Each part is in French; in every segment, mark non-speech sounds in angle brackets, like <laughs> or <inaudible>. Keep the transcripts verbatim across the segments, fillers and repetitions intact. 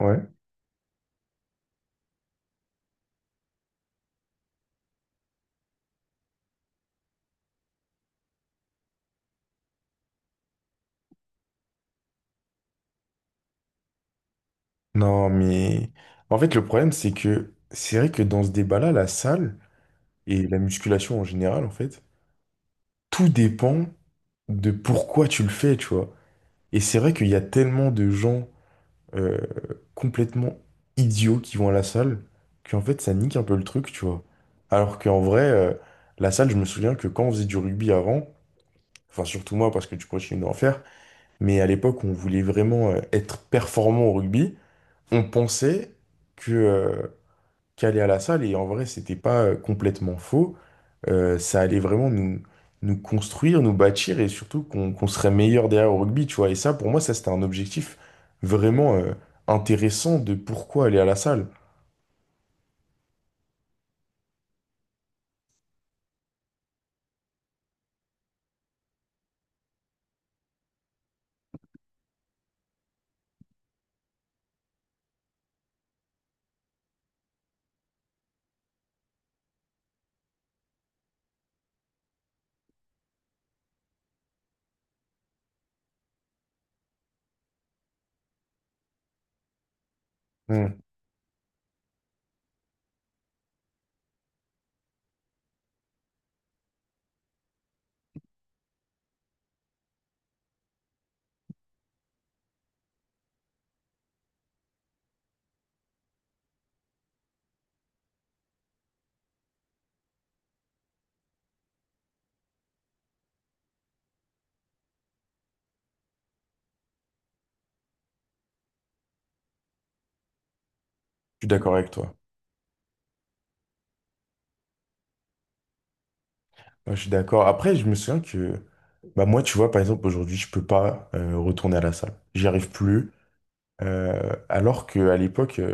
Ouais. Non, mais en fait, le problème, c'est que c'est vrai que dans ce débat-là, la salle et la musculation en général, en fait, tout dépend de pourquoi tu le fais, tu vois. Et c'est vrai qu'il y a tellement de gens euh, complètement idiots qui vont à la salle qu'en fait, ça nique un peu le truc, tu vois. Alors qu'en vrai, euh, la salle, je me souviens que quand on faisait du rugby avant, enfin, surtout moi, parce que tu continues d'en faire, mais à l'époque, on voulait vraiment euh, être performant au rugby, on pensait que. Euh, qui allait à la salle et en vrai c'était pas euh, complètement faux. Euh, ça allait vraiment nous nous construire, nous bâtir, et surtout qu'on qu'on serait meilleur derrière au rugby, tu vois, et ça pour moi ça c'était un objectif vraiment euh, intéressant de pourquoi aller à la salle. Hmm, je suis d'accord avec toi. Ouais, je suis d'accord. Après je me souviens que bah moi tu vois par exemple aujourd'hui je peux pas euh, retourner à la salle, j'y arrive plus. Euh, alors qu'à l'époque euh,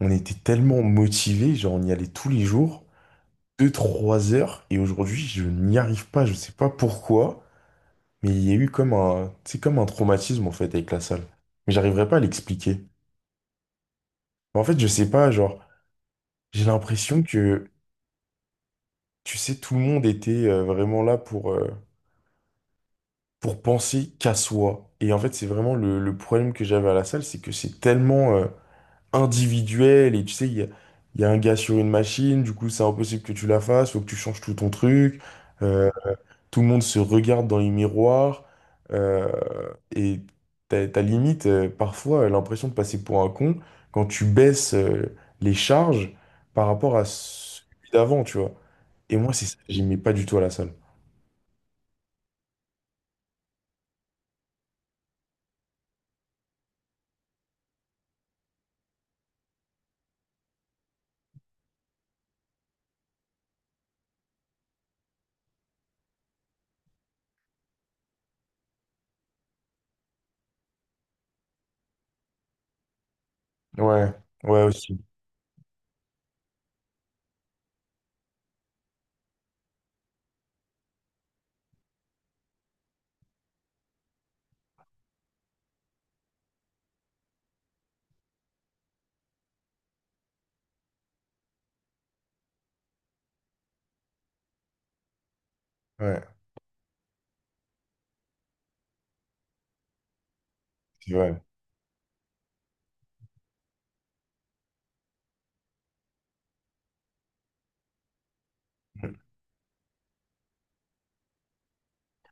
on était tellement motivés, genre on y allait tous les jours deux trois heures, et aujourd'hui je n'y arrive pas, je sais pas pourquoi, mais il y a eu comme un, c'est comme un traumatisme en fait avec la salle. Mais j'arriverai pas à l'expliquer. En fait, je sais pas, genre, j'ai l'impression que, tu sais, tout le monde était euh, vraiment là pour, euh, pour penser qu'à soi. Et en fait, c'est vraiment le, le problème que j'avais à la salle, c'est que c'est tellement euh, individuel, et tu sais, il y a, il y a un gars sur une machine, du coup, c'est impossible que tu la fasses, faut que tu changes tout ton truc. Euh, Tout le monde se regarde dans les miroirs euh, et t'as, t'as limite euh, parfois euh, l'impression de passer pour un con quand tu baisses euh, les charges par rapport à celui d'avant, tu vois. Et moi, c'est ça, que j'aimais pas du tout à la salle. Ouais, ouais aussi. Ouais, c'est vrai.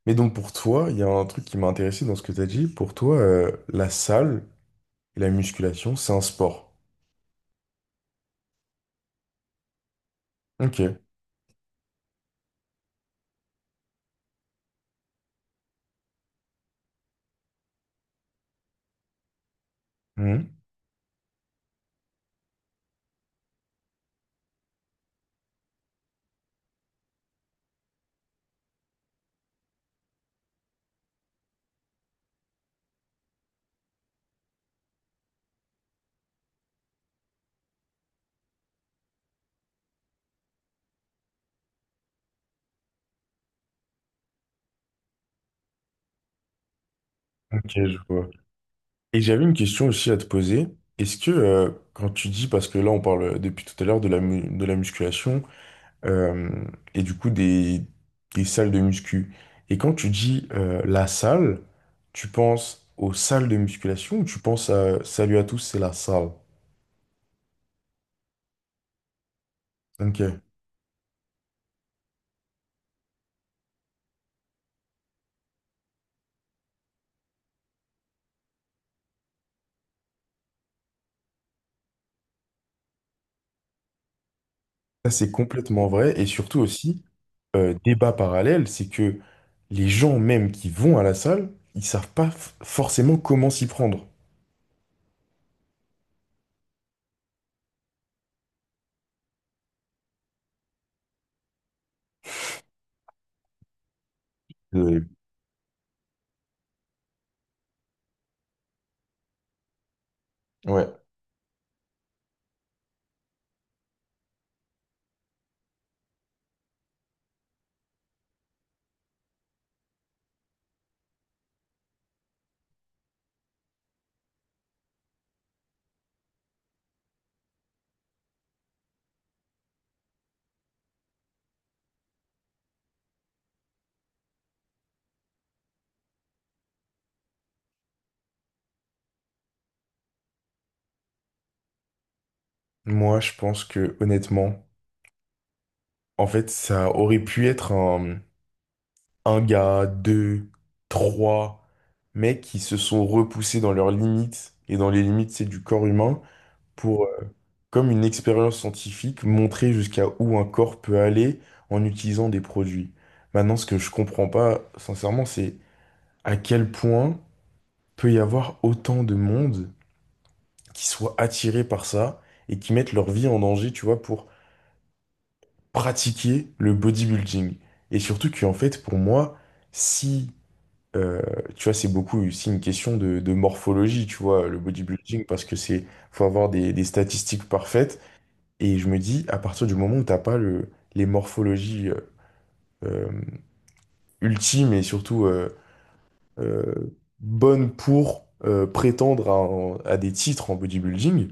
Mais donc pour toi, il y a un truc qui m'a intéressé dans ce que tu as dit. Pour toi, euh, la salle et la musculation, c'est un sport. Ok. Mhm. Ok, je vois. Et j'avais une question aussi à te poser. Est-ce que euh, quand tu dis, parce que là on parle euh, depuis tout à l'heure de la, mu- de la musculation euh, et du coup des, des salles de muscu, et quand tu dis euh, la salle, tu penses aux salles de musculation ou tu penses à Salut à tous, c'est la salle? Ok. Ça c'est complètement vrai, et surtout aussi, euh, débat parallèle, c'est que les gens même qui vont à la salle, ils savent pas f- forcément comment s'y prendre. Euh, ouais. Moi, je pense que honnêtement, en fait, ça aurait pu être un, un gars, deux, trois mecs qui se sont repoussés dans leurs limites, et dans les limites, c'est du corps humain pour, euh, comme une expérience scientifique, montrer jusqu'à où un corps peut aller en utilisant des produits. Maintenant, ce que je comprends pas, sincèrement, c'est à quel point peut y avoir autant de monde qui soit attiré par ça et qui mettent leur vie en danger, tu vois, pour pratiquer le bodybuilding. Et surtout qu'en fait, pour moi, si, euh, tu vois, c'est beaucoup aussi une question de, de morphologie, tu vois, le bodybuilding, parce que c'est, faut avoir des, des statistiques parfaites. Et je me dis, à partir du moment où t'as pas le, les morphologies euh, euh, ultimes et surtout euh, euh, bonnes pour euh, prétendre à, un- à des titres en bodybuilding,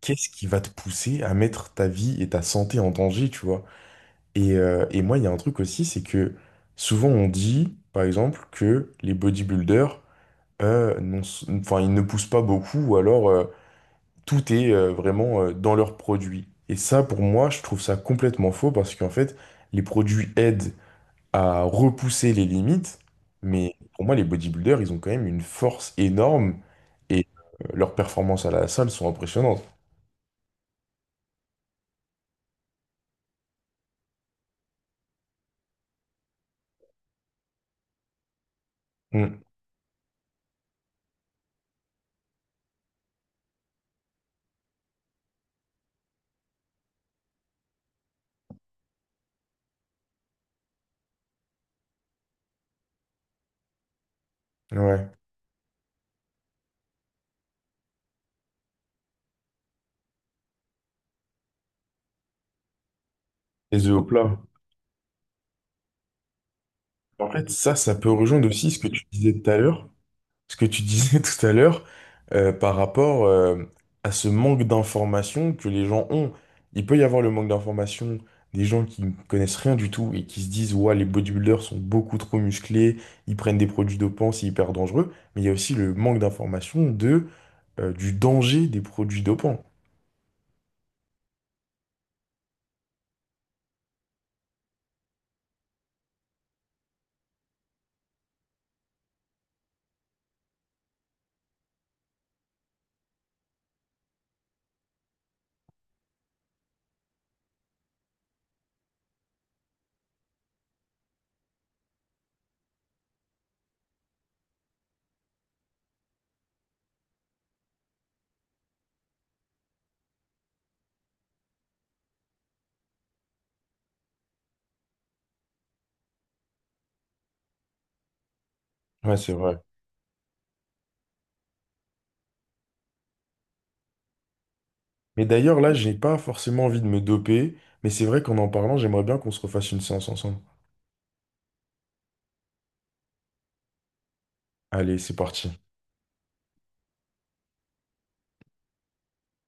qu'est-ce qui va te pousser à mettre ta vie et ta santé en danger, tu vois? Et, euh, et moi, il y a un truc aussi, c'est que souvent on dit, par exemple, que les bodybuilders, euh, n'ont- enfin, ils ne poussent pas beaucoup, ou alors euh, tout est euh, vraiment euh, dans leurs produits. Et ça, pour moi, je trouve ça complètement faux, parce qu'en fait, les produits aident à repousser les limites, mais pour moi, les bodybuilders, ils ont quand même une force énorme, et euh, leurs performances à la salle sont impressionnantes. Mm. Ouais. Les œufs au plat. En fait, ça, ça peut rejoindre aussi ce que tu disais tout à l'heure, ce que tu disais <laughs> tout à l'heure, euh, par rapport euh, à ce manque d'information que les gens ont. Il peut y avoir le manque d'information des gens qui ne connaissent rien du tout et qui se disent, ouais, les bodybuilders sont beaucoup trop musclés, ils prennent des produits dopants, c'est hyper dangereux. Mais il y a aussi le manque d'information de, euh, du danger des produits dopants. Ouais, c'est vrai. Mais d'ailleurs, là, j'ai pas forcément envie de me doper, mais c'est vrai qu'en en parlant, j'aimerais bien qu'on se refasse une séance ensemble. Allez, c'est parti.